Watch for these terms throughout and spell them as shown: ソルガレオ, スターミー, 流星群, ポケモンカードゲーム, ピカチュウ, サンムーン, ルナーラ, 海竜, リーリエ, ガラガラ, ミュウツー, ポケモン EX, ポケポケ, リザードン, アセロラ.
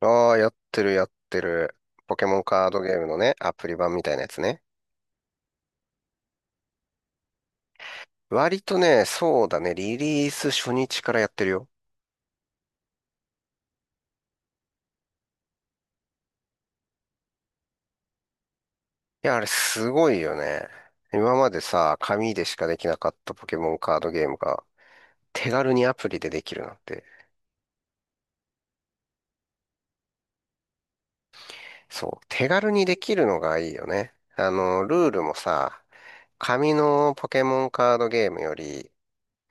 ああ、やってるやってる。ポケモンカードゲームのね、アプリ版みたいなやつね。割とね、そうだね、リリース初日からやってるよ。いや、あれすごいよね。今までさ、紙でしかできなかったポケモンカードゲームが、手軽にアプリでできるなんて。そう、手軽にできるのがいいよね。ルールもさ、紙のポケモンカードゲームより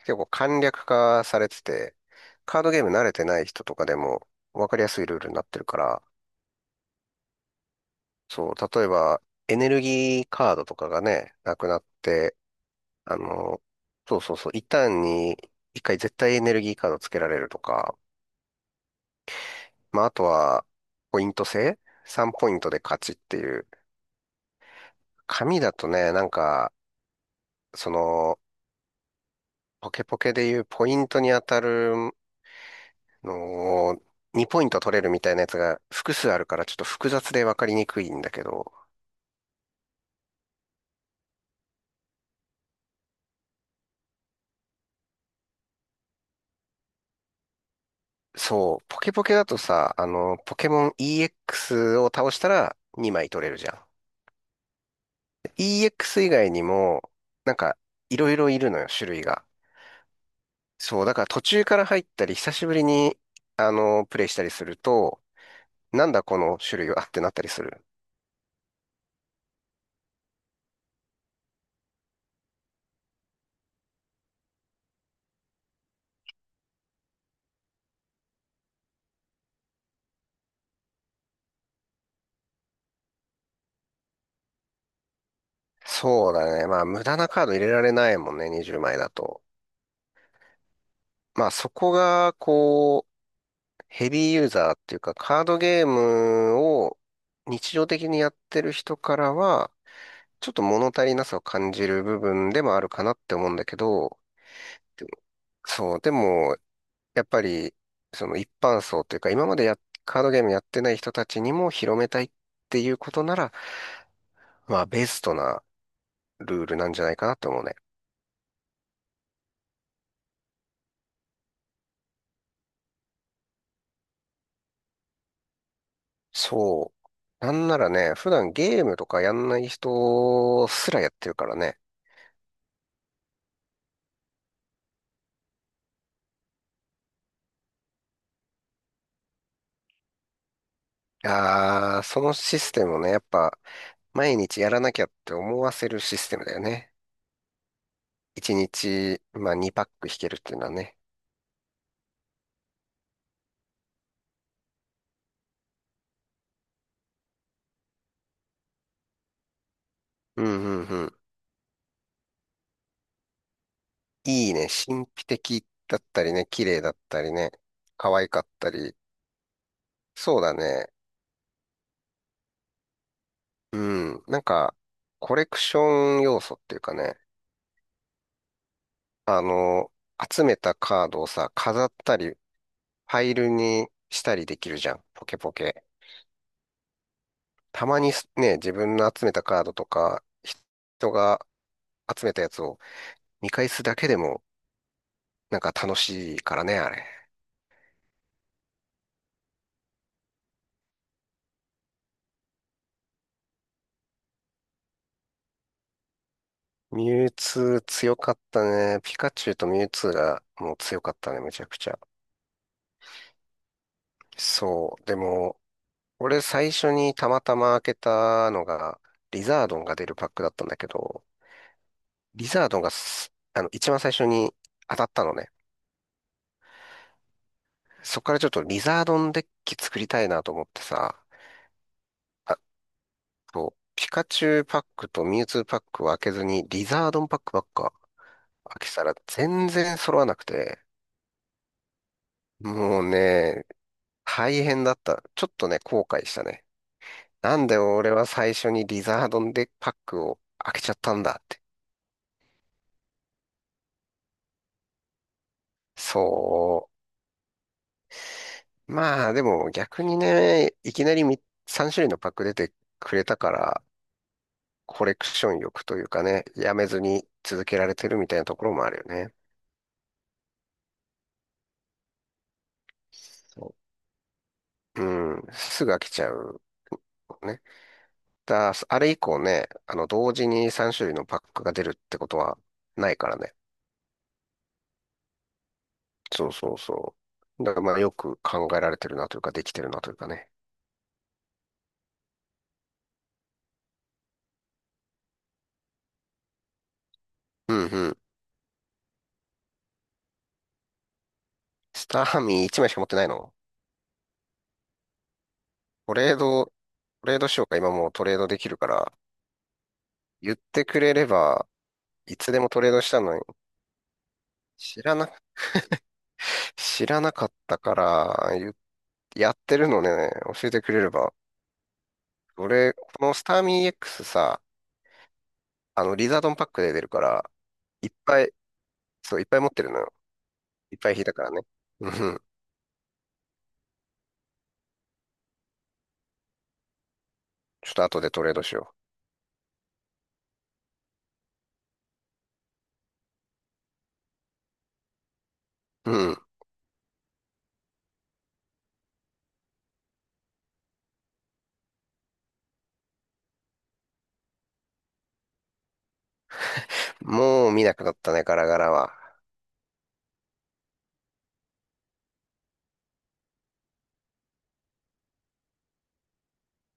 結構簡略化されてて、カードゲーム慣れてない人とかでも分かりやすいルールになってるから、そう、例えば、エネルギーカードとかがね、なくなって、あの、そうそうそう、一旦に一回絶対エネルギーカードつけられるとか、まあ、あとは、ポイント制 ?3 ポイントで勝ちっていう。紙だとね、その、ポケポケでいうポイントに当たるのを、2ポイント取れるみたいなやつが複数あるからちょっと複雑でわかりにくいんだけど、そう、ポケポケだとさ、ポケモン EX を倒したら2枚取れるじゃん。EX 以外にも、なんか、いろいろいるのよ、種類が。そう、だから途中から入ったり、久しぶりに、プレイしたりすると、なんだこの種類はってなったりする。そうだね。まあ、無駄なカード入れられないもんね、20枚だと。まあ、そこが、こう、ヘビーユーザーっていうか、カードゲームを日常的にやってる人からは、ちょっと物足りなさを感じる部分でもあるかなって思うんだけど、そう、でも、やっぱり、その一般層というか、今までや、カードゲームやってない人たちにも広めたいっていうことなら、まあ、ベストなルールなんじゃないかなと思うね。そう。なんならね、普段ゲームとかやんない人すらやってるからね。ああ、そのシステムをね、やっぱ、毎日やらなきゃって思わせるシステムだよね。1日、まあ、2パック引けるっていうのはね。うんうんうん。いいね。神秘的だったりね、綺麗だったりね、可愛かったり。そうだね。うん。なんか、コレクション要素っていうかね、あの、集めたカードをさ、飾ったり、ファイルにしたりできるじゃん。ポケポケ。たまにすね、自分の集めたカードとか、人が集めたやつを見返すだけでも、なんか楽しいからね、あれ。ミュウツー強かったね。ピカチュウとミュウツーがもう強かったね、めちゃくちゃ。そう。でも、俺最初にたまたま開けたのが、リザードンが出るパックだったんだけど、リザードンがすあの、一番最初に当たったのね。そこからちょっとリザードンデッキ作りたいなと思ってさ、あと、ピカチュウパックとミュウツーパックを開けずに、リザードンパックばっか開けたら全然揃わなくて、もうね、大変だった。ちょっとね、後悔したね。なんで俺は最初にリザードンデッキパックを開けちゃったんだって。そう。まあ、でも逆にね、いきなりみ3種類のパック出てくれたから、コレクション欲というかね、やめずに続けられてるみたいなところもあるよね。そううん、すぐ飽きちゃう。ね。あれ以降ね、あの、同時に3種類のパックが出るってことはないからね。そうそうそう。だからまあ、よく考えられてるなというか、できてるなというかね。うんうん。スターミー1枚しか持ってないの？トレード、トレードしようか、今もうトレードできるから、ってくれれば、いつでもトレードしたのに、知らな、知らなかったから、やってるのね、教えてくれれば。俺、このスターミー X さ、あの、リザードンパックで出るから、いっぱい、そう、いっぱい持ってるのよ。いっぱい引いたからね。うん。ちょっと後でトレードしよう。うん。もう見なくなったね、ガラガラは。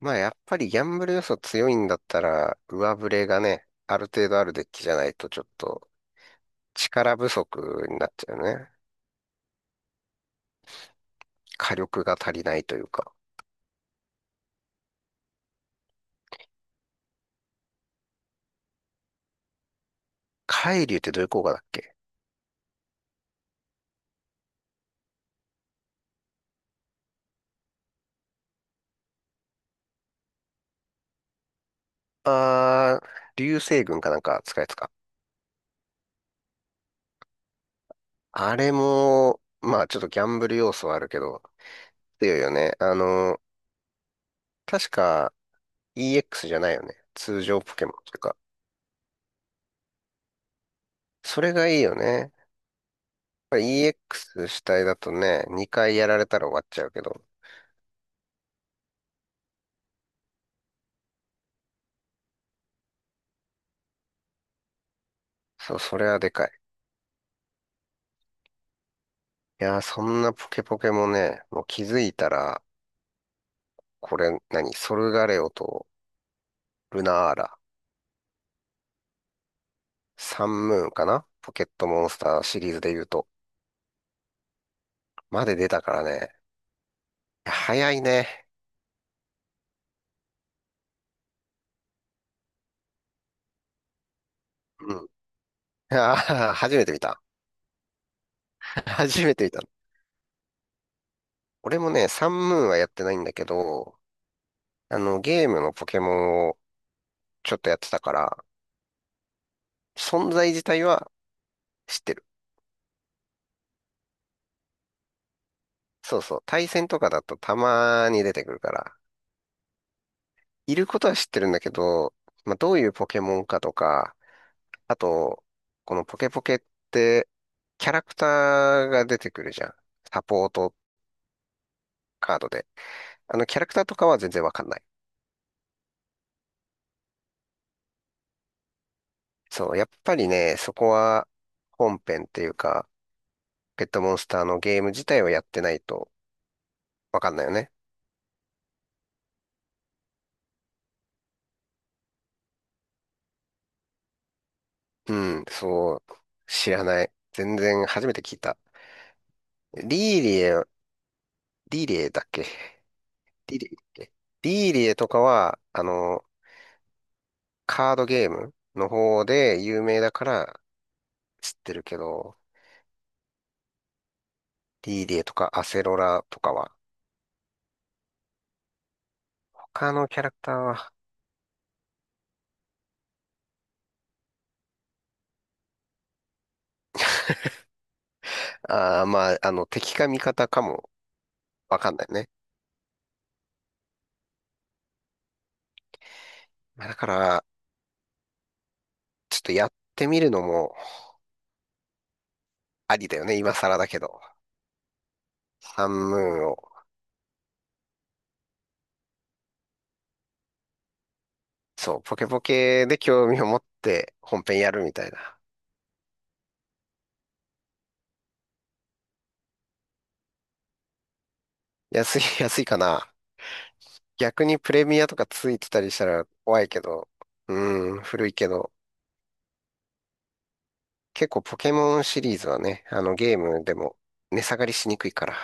まあ、やっぱりギャンブル要素強いんだったら、上振れがね、ある程度あるデッキじゃないと、ちょっと力不足になっちゃうね。火力が足りないというか。海竜ってどういう効果だっけ？あー、流星群かなんか使うやつか。あれも、まあちょっとギャンブル要素はあるけど、強いよね。あの、確か EX じゃないよね。通常ポケモンというか。それがいいよね。やっぱり EX 主体だとね、2回やられたら終わっちゃうけど。そう、それはでかい。いやー、そんなポケポケもね、もう気づいたら、これ何、ソルガレオとルナーラ。サンムーンかなポケットモンスターシリーズで言うと。まで出たからね。早いね。うん。ああ、初めて見た。初めて見た。俺もね、サンムーンはやってないんだけど、あの、ゲームのポケモンをちょっとやってたから、存在自体は知ってる。そうそう。対戦とかだとたまに出てくるから、いることは知ってるんだけど、まあ、どういうポケモンかとか、あと、このポケポケって、キャラクターが出てくるじゃん。サポートカードで。あの、キャラクターとかは全然わかんない。そう、やっぱりね、そこは本編っていうか、ペットモンスターのゲーム自体をやってないとわかんないよね。うん、そう、知らない。全然初めて聞いた。リーリエ、リーリエだっけリーリエだっけリーリエとかは、あの、カードゲームの方で有名だから知ってるけど、リーリエとかアセロラとかは、他のキャラクターは、ああ、まあ、あの、敵か味方かもわかんないね。まあだから、ちょっとやってみるのもありだよね、今更だけど。サンムーンを、そう、ポケポケで興味を持って本編やるみたいな。安い、安いかな。逆にプレミアとかついてたりしたら怖いけど、うーん、古いけど、結構ポケモンシリーズはね、あのゲームでも値下がりしにくいから。